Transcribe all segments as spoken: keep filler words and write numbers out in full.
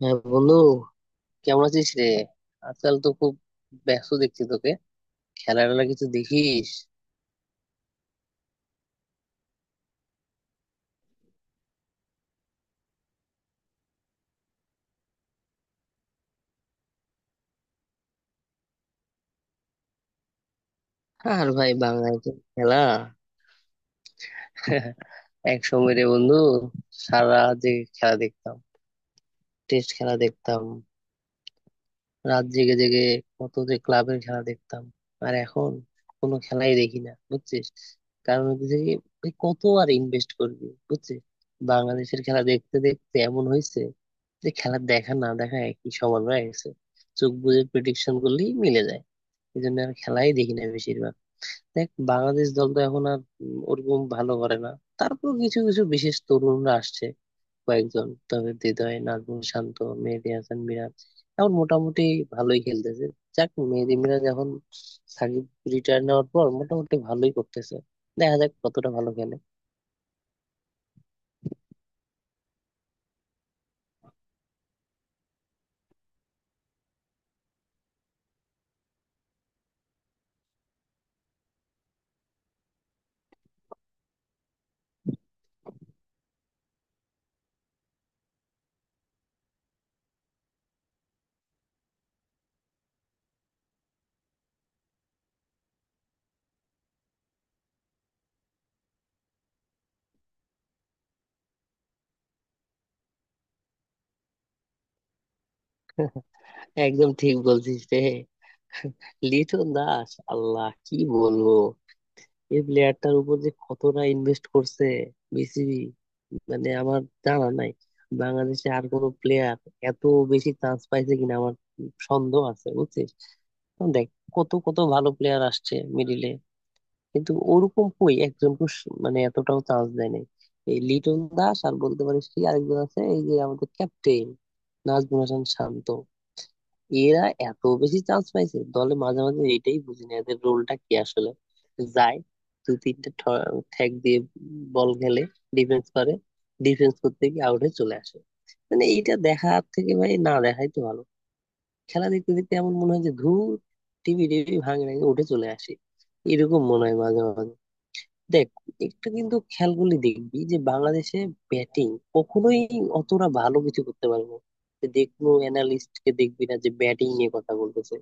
হ্যাঁ বন্ধু, কেমন আছিস রে? আজকাল তো খুব ব্যস্ত দেখছি তোকে। খেলা টেলা কিছু দেখিস? আর ভাই, বাংলায় তো খেলা এক সময় রে বন্ধু, সারা রাত জেগে খেলা দেখতাম, টেস্ট খেলা দেখতাম, রাত জেগে জেগে কত যে ক্লাবের খেলা দেখতাম। আর এখন কোনো খেলাই দেখি না, বুঝছিস। কারণ হচ্ছে কি, ওই কত আর ইনভেস্ট করবি বুঝছিস। বাংলাদেশের খেলা দেখতে দেখতে এমন হয়েছে যে খেলা দেখা না দেখা একই সমান হয়ে গেছে, চোখ বুজে প্রেডিকশন করলেই মিলে যায়। এই জন্য আর খেলাই দেখি না বেশিরভাগ। দেখ, বাংলাদেশ দল তো এখন আর উম, ওরকম ভালো করে না। তারপর কিছু কিছু বিশেষ তরুণরা আসছে কয়েকজন, তবে হৃদয়, নাজমুল শান্ত, মেহেদী হাসান মিরাজ এখন মোটামুটি ভালোই খেলতেছে। যাক, মেহেদী মিরাজ এখন সাকিব রিটায়ার নেওয়ার পর মোটামুটি ভালোই করতেছে, দেখা যাক কতটা ভালো খেলে। একদম ঠিক বলছিস রে। লিটন দাস, আল্লাহ কি বলবো, এই প্লেয়ারটার উপর যে কতটা ইনভেস্ট করছে বিসিবি, মানে আমার জানা নাই বাংলাদেশে আর কোনো প্লেয়ার এত বেশি চান্স পাইছে কিনা, আমার সন্দেহ আছে, বুঝছিস। এখন দেখ, কত কত ভালো প্লেয়ার আসছে মিডিলে, কিন্তু ওরকম কই, একজনকে স- মানে এতটাও চান্স দেয় নাই এই লিটন দাস আর বলতে পারিস কি আরেকজন আছে, এই যে আমাদের ক্যাপ্টেন নাজমুল হাসান শান্ত। এরা এত বেশি চান্স পাইছে দলে, মাঝে মাঝে এটাই বুঝি না এদের রোলটা কি আসলে। যায় দুই তিনটা ঠ্যাক দিয়ে বল খেলে, ডিফেন্স করে, ডিফেন্স করতে গিয়ে আউট হয়ে চলে আসে। মানে এইটা দেখার থেকে ভাই না দেখাই তো ভালো। খেলা দেখতে দেখতে এমন মনে হয় যে ধুর, টিভি টিভি ভাঙে নাকি উঠে চলে আসি, এরকম মনে হয় মাঝে মাঝে। দেখ, একটা কিন্তু খেয়াল করলে দেখবি যে বাংলাদেশে ব্যাটিং কখনোই অতটা ভালো কিছু করতে পারবে না। তুই যে কোনো অ্যানালিস্ট কে দেখবি না যে ব্যাটিং নিয়ে কথা বলতেছে,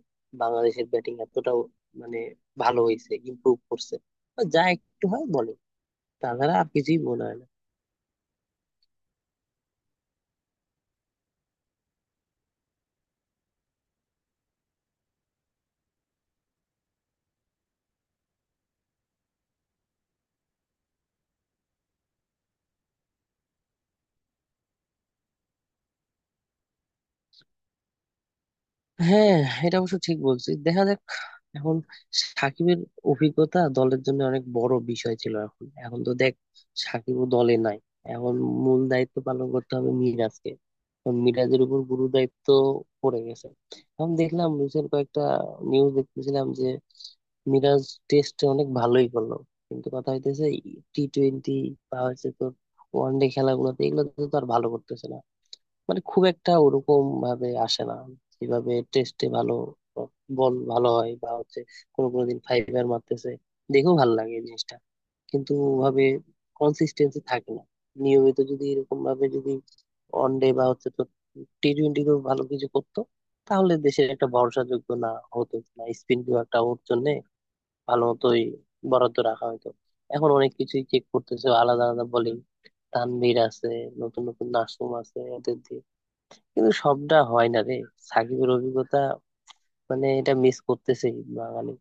বাংলাদেশের ব্যাটিং এতটাও মানে ভালো হয়েছে, ইমপ্রুভ করছে বা যা একটু হয় বলে, তাছাড়া আর কিছুই মনে হয় না। হ্যাঁ, এটা অবশ্য ঠিক বলছিস, দেখা যাক। এখন সাকিবের অভিজ্ঞতা দলের জন্য অনেক বড় বিষয় ছিল, এখন এখন তো দেখ সাকিবও দলে নাই। এখন মূল দায়িত্ব পালন করতে হবে মিরাজকে, এখন মিরাজের উপর গুরু দায়িত্ব পড়ে গেছে। এখন দেখলাম রিসেন্ট কয়েকটা নিউজ দেখতেছিলাম যে মিরাজ টেস্টে অনেক ভালোই করলো, কিন্তু কথা হইতেছে টি টোয়েন্টি বা হচ্ছে তোর ওয়ান ডে খেলাগুলোতে, এগুলোতে তো আর ভালো করতেছে না। মানে খুব একটা ওরকম ভাবে আসে না যেভাবে টেস্টে ভালো বল ভালো হয় বা হচ্ছে কোনো কোনো দিন ফাইবার মারতেছে, দেখেও ভালো লাগে এই জিনিসটা, কিন্তু ভাবে কনসিস্টেন্সি থাকে না। নিয়মিত যদি এরকম ভাবে যদি ওয়ান ডে বা হচ্ছে তো টি টোয়েন্টিতেও ভালো কিছু করতো, তাহলে দেশের একটা ভরসাযোগ্য না হতো না, স্পিন বিভাগটা ওর জন্য ভালো মতোই বরাদ্দ রাখা হতো। এখন অনেক কিছুই চেক করতেছে, আলাদা আলাদা বলিং, তানভীর আছে, নতুন নতুন নাসুম আছে, কিন্তু সবটা হয় না রে। সাকিবের অভিজ্ঞতা মানে এটা মিস করতেছে বাঙালি।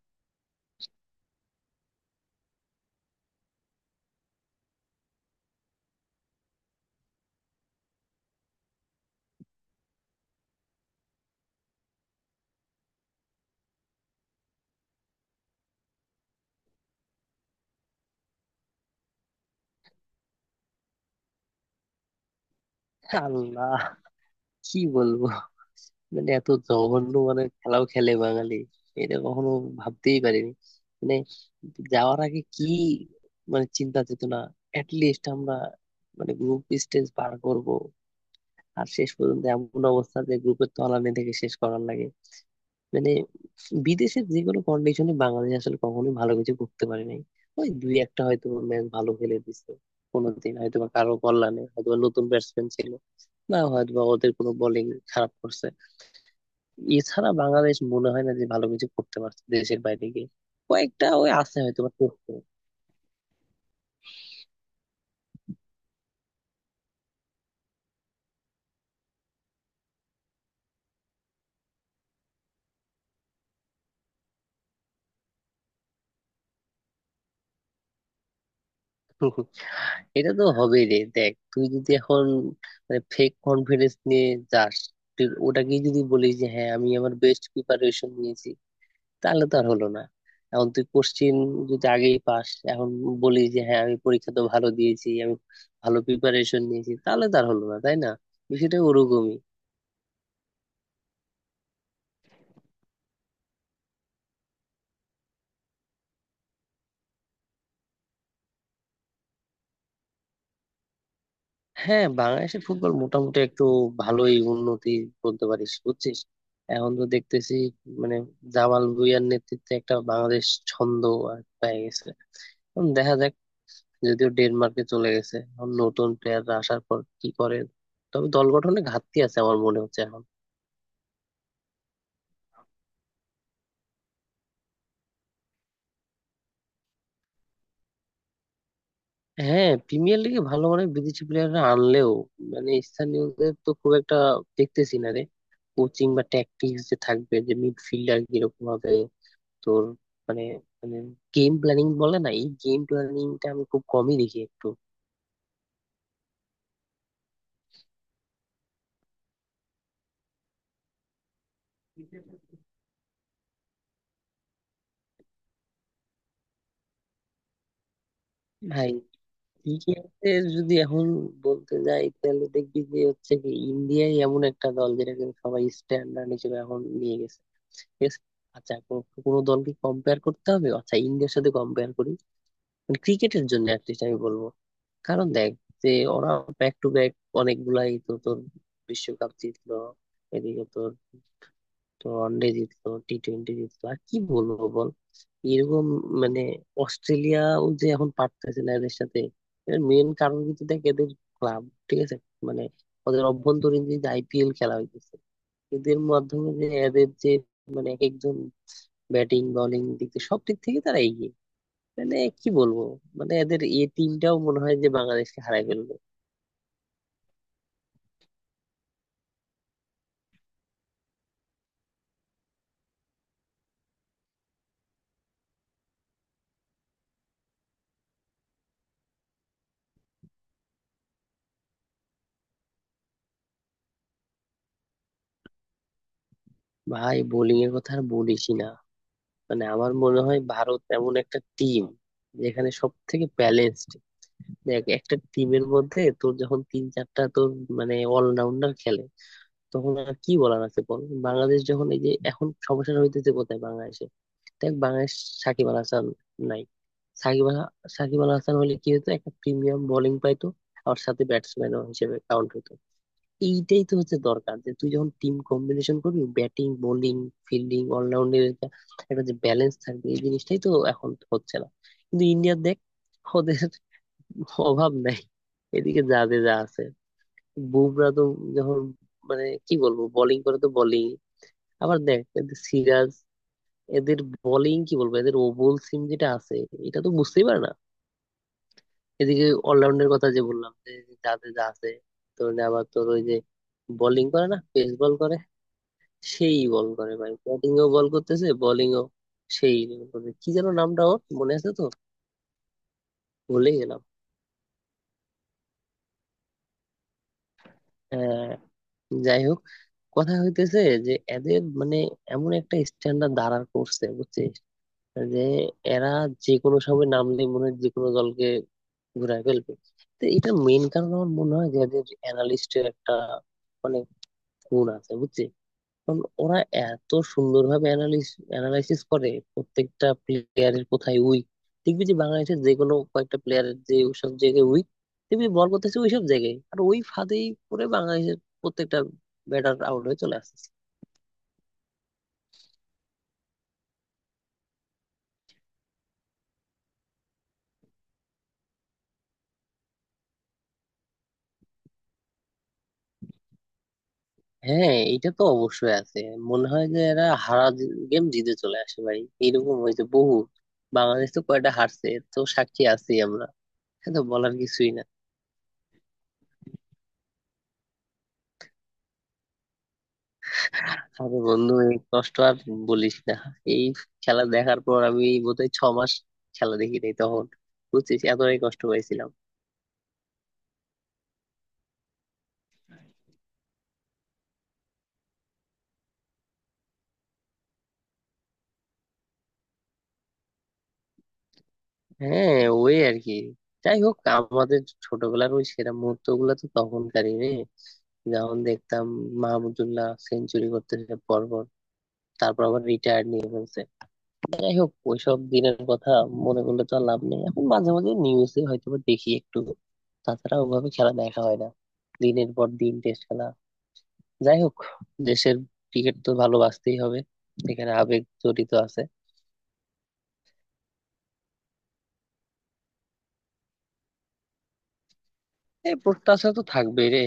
আল্লাহ কি বলবো, মানে এত জঘন্য মানে খেলাও খেলে বাঙালি, এটা কখনো ভাবতেই পারিনি। মানে যাওয়ার আগে কি, মানে চিন্তা চেতনা লিস্ট আমরা মানে গ্রুপ স্টেজ পার করব, আর শেষ পর্যন্ত এমন অবস্থা যে গ্রুপের তলানি থেকে শেষ করার লাগে। মানে বিদেশের যে কোনো কন্ডিশনে বাংলাদেশ আসলে কখনোই ভালো কিছু করতে পারে নাই। ওই দুই একটা হয়তো ম্যাচ ভালো খেলে দিছে কোনোদিন, হয়তো বা কারো কল্যাণে, হয়তো বা নতুন ব্যাটসম্যান ছিল, না হয়তো বা ওদের কোনো বোলিং খারাপ করছে। এছাড়া বাংলাদেশ মনে হয় না যে ভালো কিছু করতে পারছে দেশের বাইরে গিয়ে। কয়েকটা ওই আছে হয়তো বা করছে। এটা তো হবেই রে। দেখ, তুই যদি এখন মানে ফেক কনফিডেন্স নিয়ে যাস, তুই ওটাকেই যদি বলিস যে হ্যাঁ আমি আমার বেস্ট প্রিপারেশন নিয়েছি, তাহলে তো আর হলো না। এখন তুই কোশ্চিন যদি আগেই পাস, এখন বলি যে হ্যাঁ আমি পরীক্ষা তো ভালো দিয়েছি, আমি ভালো প্রিপারেশন নিয়েছি, তাহলে তার হলো না তাই না, বিষয়টা ওরকমই। হ্যাঁ, বাংলাদেশের ফুটবল মোটামুটি একটু ভালোই উন্নতি বলতে পারিস, বুঝছিস। এখন তো দেখতেছি মানে জামাল ভুঁইয়ার নেতৃত্বে একটা বাংলাদেশ ছন্দ আর পেয়ে গেছে। এখন দেখা যাক, যদিও ডেনমার্কে চলে গেছে, এখন নতুন প্লেয়াররা আসার পর কি করে, তবে দল গঠনে ঘাটতি আছে আমার মনে হচ্ছে এখন। হ্যাঁ, প্রিমিয়ার লিগে ভালো অনেক বিদেশি প্লেয়াররা আনলেও মানে স্থানীয়দের তো খুব একটা দেখতেছি না রে। কোচিং বা ট্যাকটিক্স যে থাকবে, যে মিডফিল্ডার কিরকম হবে তোর, মানে মানে গেম প্ল্যানিং বলে না, এই গেম প্ল্যানিংটা আমি খুব কমই দেখি একটু। ভাই, ক্রিকেটে যদি এখন বলতে যাই তাহলে দেখবি যে হচ্ছে কি, ইন্ডিয়াই এমন একটা দল যেটাকে সবাই স্ট্যান্ডার্ড হিসেবে এখন নিয়ে গেছে, ঠিক আছে? আচ্ছা, কোনো কোনো দলকে কম্পেয়ার করতে হবে, আচ্ছা ইন্ডিয়ার সাথে কম্পেয়ার করি ক্রিকেটের জন্য অ্যাটলিস্ট, আমি বলবো। কারণ দেখ, যে ওরা ব্যাক টু ব্যাক অনেকগুলাই তো তোর বিশ্বকাপ জিতলো, এদিকে তোর তো ওয়ানডে জিতলো, টি টোয়েন্টি জিতলো, আর কি বলবো বল, এরকম মানে অস্ট্রেলিয়াও যে এখন পারতেছে না এদের সাথে। এর মেন কারণ কিন্তু দেখ, এদের ক্লাব, ঠিক আছে, মানে ওদের অভ্যন্তরীণ যে আইপিএল খেলা হইতেছে, এদের মাধ্যমে যে এদের যে মানে এক একজন ব্যাটিং বোলিং দিক থেকে, সব দিক থেকে তারা এগিয়ে। মানে কি বলবো, মানে এদের এ টিমটাও মনে হয় যে বাংলাদেশকে হারাই ফেলবে। ভাই বোলিং এর কথা আর বলিসই না, মানে আমার মনে হয় ভারত এমন একটা টিম যেখানে সব থেকে ব্যালেন্সড। দেখ একটা টিমের মধ্যে তোর যখন তিন চারটা তোর মানে অলরাউন্ডার খেলে, তখন আর কি বলার আছে বল। বাংলাদেশ যখন, এই যে এখন সমস্যাটা হইতেছে কোথায় বাংলাদেশে, দেখ বাংলাদেশ সাকিব আল হাসান নাই। সাকিব আল সাকিব আল হাসান হলে কি হতো, একটা প্রিমিয়াম বোলিং পাইতো, আর সাথে ব্যাটসম্যানও হিসেবে কাউন্ট হতো। এইটাই তো হচ্ছে দরকার যে তুই যখন টিম কম্বিনেশন করবি, ব্যাটিং বোলিং ফিল্ডিং অলরাউন্ডের একটা যে ব্যালেন্স থাকবে, এই জিনিসটাই তো এখন হচ্ছে না। কিন্তু ইন্ডিয়া দেখ, ওদের অভাব নাই, এদিকে যাদের যা আছে। বুমরা তো যখন মানে কি বলবো, বোলিং করে তো বোলিং। আবার দেখ এদের সিরাজ, এদের বোলিং কি বলবো, এদের ওভাল সিম যেটা আছে, এটা তো বুঝতেই পারে না। এদিকে অলরাউন্ডের কথা যে বললাম যে যাদের যা আছে, তো আবার তোর ওই যে বোলিং করে না পেস বল করে, সেই বল করে ভাই, ব্যাটিং ও বল করতেছে বোলিং ও, সেই বল করে, কি যেন নামটা, ওর মনে আছে তো, ভুলে গেলাম। আহ, যাই হোক, কথা হইতেছে যে এদের মানে এমন একটা স্ট্যান্ডার্ড দাঁড়ার করছে বুঝছিস, যে এরা যে কোনো সময় নামলে মনে হয় যে কোনো দলকে ঘুরায় ফেলবে। তো এটা মেইন কারণ, আমার মনে হয় যে এদের অ্যানালিস্টের একটা অনেক গুণ আছে, বুঝছিস। কারণ ওরা এত সুন্দরভাবে অ্যানালিস অ্যানালাইসিস করে প্রত্যেকটা প্লেয়ারের কোথায় উইক, দেখবি যে বাংলাদেশের যে কোনো কয়েকটা প্লেয়ারের যে সব জায়গায় উইক, দেখবি বল করতেছে ওই সব জায়গায়, আর ওই ফাঁদেই পড়ে বাংলাদেশের প্রত্যেকটা ব্যাটার আউট হয়ে চলে আসছে। হ্যাঁ, এটা তো অবশ্যই আছে, মনে হয় যে এরা হারা গেম জিতে চলে আসে ভাই, এরকম হয়েছে বহু। বাংলাদেশ তো কয়টা হারছে এর তো সাক্ষী আছি আমরা, এটা তো বলার কিছুই না। আরে বন্ধু, এই কষ্ট আর বলিস না। এই খেলা দেখার পর আমি বোধহয় ছ মাস খেলা দেখি নাই তখন, বুঝছিস, এতটাই কষ্ট পাইছিলাম। হ্যাঁ, ওই আর কি। যাই হোক, আমাদের ছোটবেলার ওই সেরা মুহূর্ত গুলো তো তখনকারই রে, যখন দেখতাম মাহমুদুল্লাহ সেঞ্চুরি করতেছে পর পর, তারপর আবার রিটায়ার্ড নিয়ে ফেলছে। যাই হোক, ওইসব দিনের কথা মনে করলে তো আর লাভ নেই। এখন মাঝে মাঝে নিউজে হয়তো বা দেখি একটু, তাছাড়া ওভাবে খেলা দেখা হয় না, দিনের পর দিন টেস্ট খেলা। যাই হোক, দেশের ক্রিকেট তো ভালোবাসতেই হবে, এখানে আবেগ জড়িত আছে। এই প্রত্যাশা তো থাকবেই রে।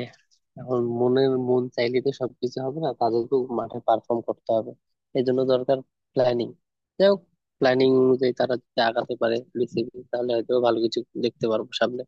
এখন মনের মন চাইলে তো সবকিছু হবে না, তাদেরকেও মাঠে পারফর্ম করতে হবে, এই জন্য দরকার প্ল্যানিং। যাই হোক, প্ল্যানিং অনুযায়ী তারা যদি আগাতে পারে বিসিবি, তাহলে হয়তো ভালো কিছু দেখতে পারবো সামনে।